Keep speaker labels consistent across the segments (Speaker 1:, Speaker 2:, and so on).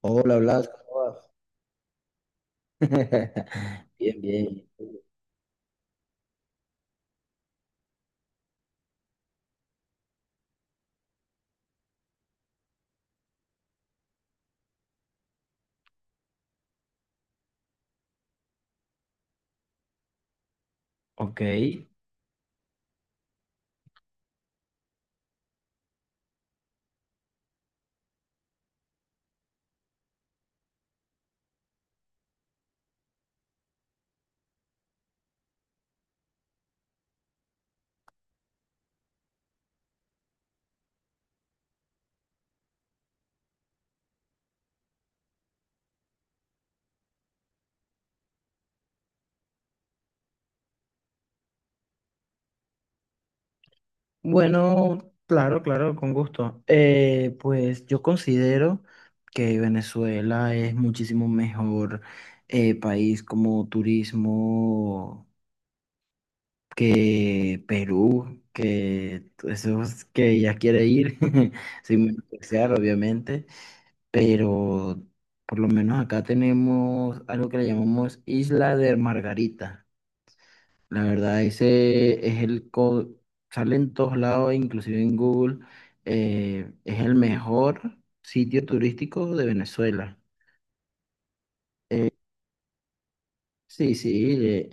Speaker 1: Hola, Blas, ¿cómo vas? Bien, bien. Ok. Bueno, claro, claro, con gusto. Pues yo considero que Venezuela es muchísimo mejor país como turismo que Perú, que esos que ya quiere ir. Sin menospreciar, obviamente, pero por lo menos acá tenemos algo que le llamamos Isla de Margarita. La verdad, ese es sale en todos lados, inclusive en Google. Es el mejor sitio turístico de Venezuela. Eh, sí, sí,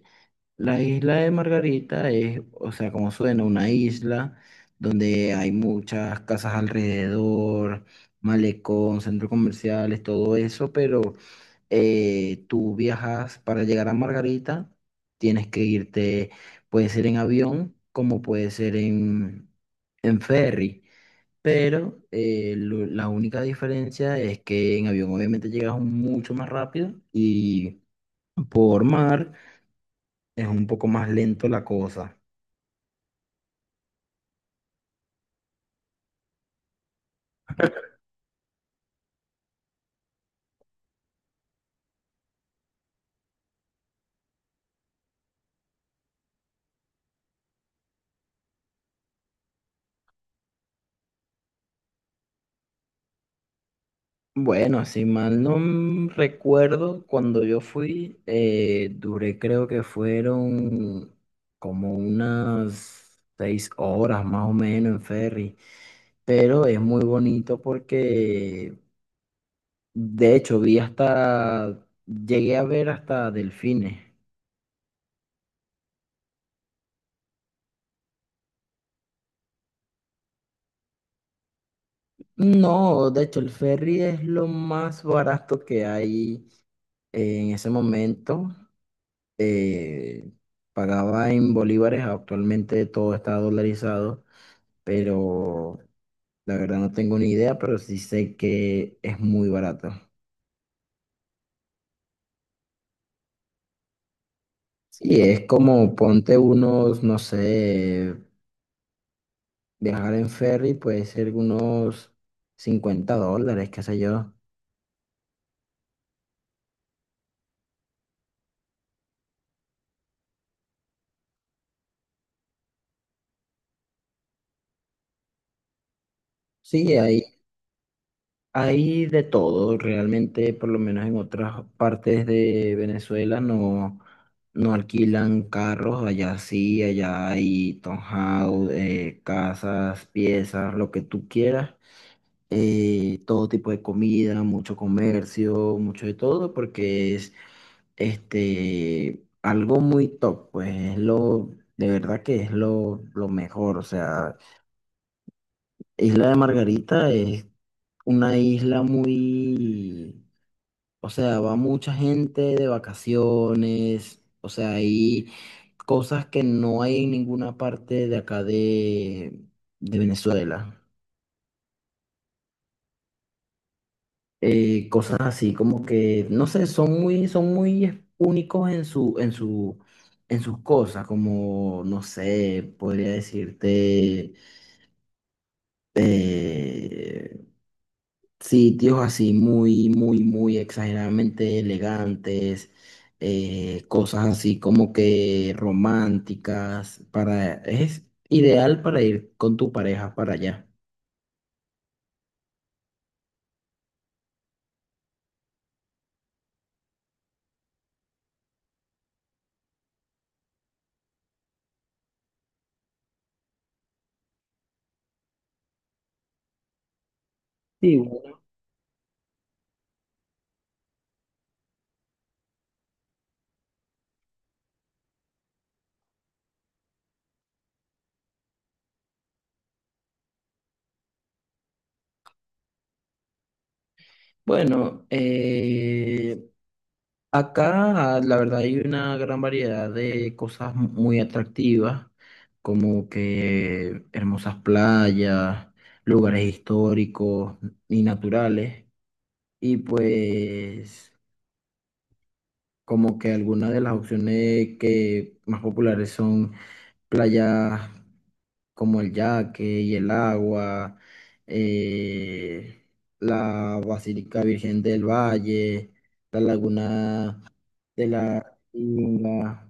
Speaker 1: la isla de Margarita es, o sea, como suena, una isla donde hay muchas casas alrededor, malecón, centros comerciales, todo eso. Pero, tú viajas para llegar a Margarita, tienes que irte, puede ser en avión, como puede ser en ferry. Pero, la única diferencia es que en avión obviamente llegas mucho más rápido, y por mar es un poco más lento la cosa. Bueno, si mal no recuerdo, cuando yo fui, duré creo que fueron como unas 6 horas más o menos en ferry, pero es muy bonito porque de hecho llegué a ver hasta delfines. No, de hecho el ferry es lo más barato que hay. En ese momento eh, pagaba en bolívares, actualmente todo está dolarizado, pero la verdad no tengo ni idea, pero sí sé que es muy barato. Sí, es como ponte unos, no sé, viajar en ferry puede ser unos $50, qué sé yo. Sí, Hay de todo, realmente. Por lo menos en otras partes de Venezuela no, no alquilan carros, allá sí, allá hay townhouse, casas, piezas, lo que tú quieras, todo tipo de comida, mucho comercio, mucho de todo, porque es algo muy top. Pues, de verdad que es lo mejor. O sea, Isla de Margarita es una isla muy... O sea, va mucha gente de vacaciones. O sea, hay cosas que no hay en ninguna parte de acá de Venezuela. Cosas así como que, no sé, son muy únicos en su, en sus cosas, como, no sé, podría decirte, eh, sitios así, muy, muy, muy exageradamente elegantes, cosas así como que románticas. Es ideal para ir con tu pareja para allá. Sí, bueno. Bueno, acá la verdad hay una gran variedad de cosas muy atractivas, como que hermosas playas, lugares históricos y naturales. Y pues, como que algunas de las opciones que más populares son playas como el Yaque y el Agua, eh, la Basílica Virgen del Valle, la Laguna de la Inga.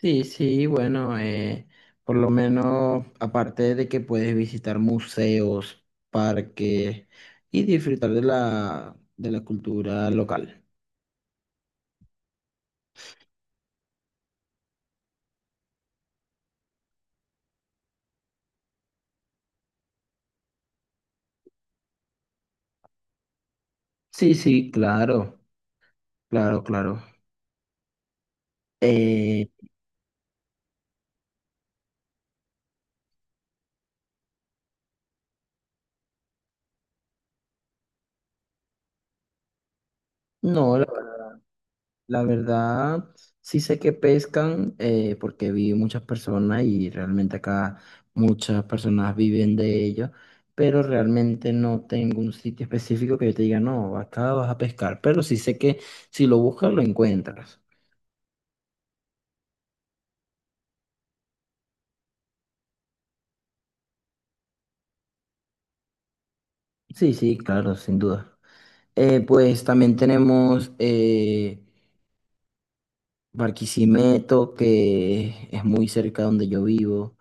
Speaker 1: Sí, sí, bueno, por lo menos aparte de que puedes visitar museos, parques y disfrutar de la cultura local. Sí, sí, claro. Claro, claro. Eh, no, la verdad, sí sé que pescan, porque vi muchas personas y realmente acá muchas personas viven de ello, pero realmente no tengo un sitio específico que yo te diga, no, acá vas a pescar, pero sí sé que si lo buscas lo encuentras. Sí, sí, claro, sin duda. Pues también tenemos, Barquisimeto, que es muy cerca donde yo vivo,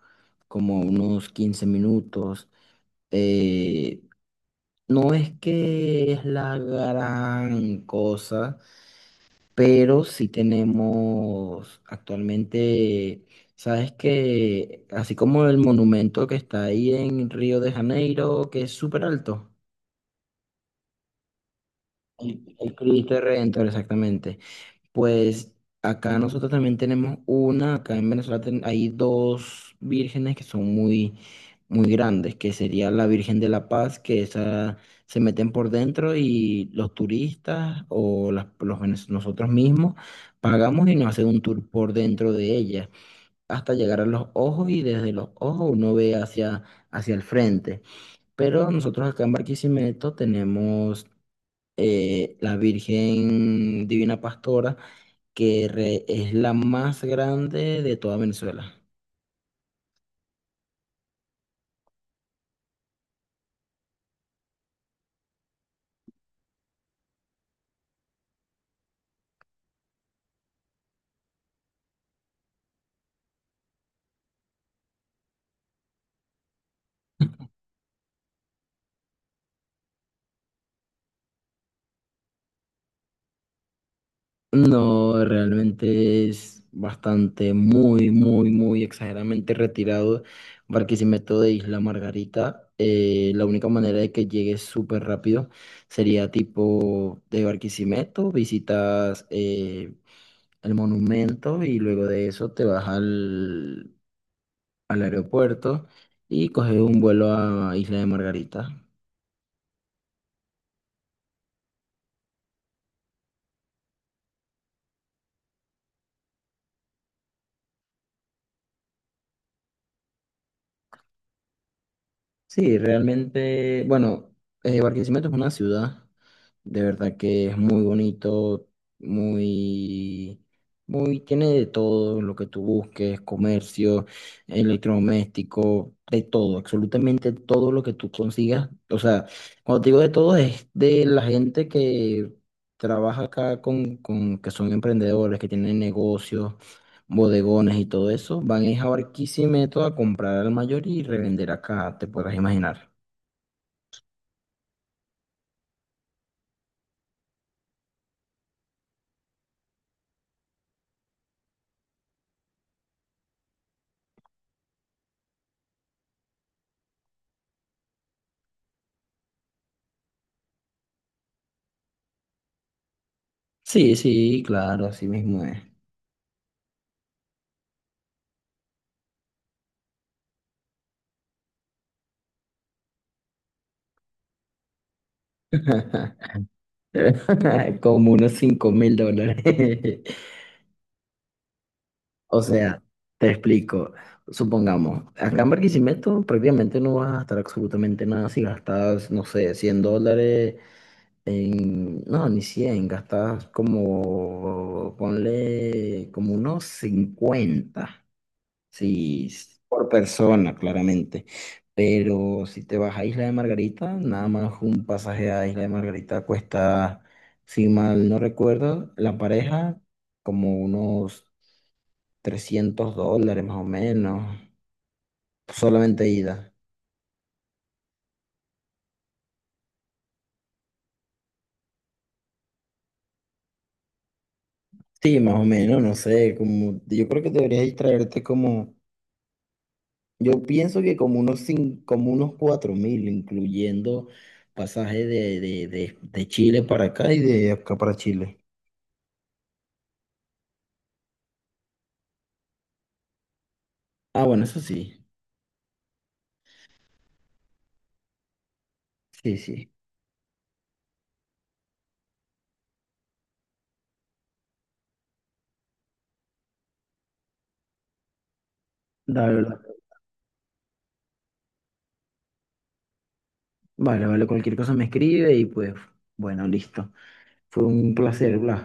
Speaker 1: como unos 15 minutos. eh, no es que es la gran cosa, pero sí tenemos actualmente, sabes que así como el monumento que está ahí en Río de Janeiro, que es súper alto, el Cristo Redentor, exactamente. Pues acá nosotros también tenemos una, acá en Venezuela, hay dos vírgenes que son muy, muy grandes, que sería la Virgen de la Paz, que esa se meten por dentro y los turistas o nosotros mismos pagamos y nos hacen un tour por dentro de ella, hasta llegar a los ojos, y desde los ojos uno ve hacia, hacia el frente. Pero nosotros acá en Barquisimeto tenemos, la Virgen Divina Pastora, que es la más grande de toda Venezuela. No, realmente es bastante, muy, muy, muy exageradamente retirado Barquisimeto de Isla Margarita. La única manera de que llegues súper rápido sería tipo de Barquisimeto, visitas, el monumento, y luego de eso te vas al aeropuerto y coges un vuelo a Isla de Margarita. Sí, realmente, bueno, Barquisimeto es una ciudad, de verdad que es muy bonito, muy, muy, tiene de todo lo que tú busques, comercio, electrodoméstico, de todo, absolutamente todo lo que tú consigas. O sea, cuando te digo de todo es de la gente que trabaja acá con que son emprendedores, que tienen negocios, bodegones y todo eso, van es a Barquisimeto a comprar al mayor y revender acá, te podrás imaginar. Sí, sí, claro, así mismo es. Como unos $5.000. O sea, te explico. Supongamos, acá en Barquisimeto prácticamente no vas a gastar absolutamente nada. Si gastas, no sé, $100 en... No, ni 100, gastas como, ponle como unos 50. Sí, por persona, claramente. Pero si te vas a Isla de Margarita, nada más un pasaje a Isla de Margarita cuesta, si mal no recuerdo, la pareja como unos $300 más o menos, solamente ida. Sí, más o menos, no sé, como yo creo que deberías traerte como, yo pienso que como unos 4.000, incluyendo pasaje de, de Chile para acá y de acá para Chile. Ah, bueno, eso sí. Sí, sí. La verdad. Vale, vale, cualquier cosa me escribe y pues, bueno, listo. Fue un placer, Blas.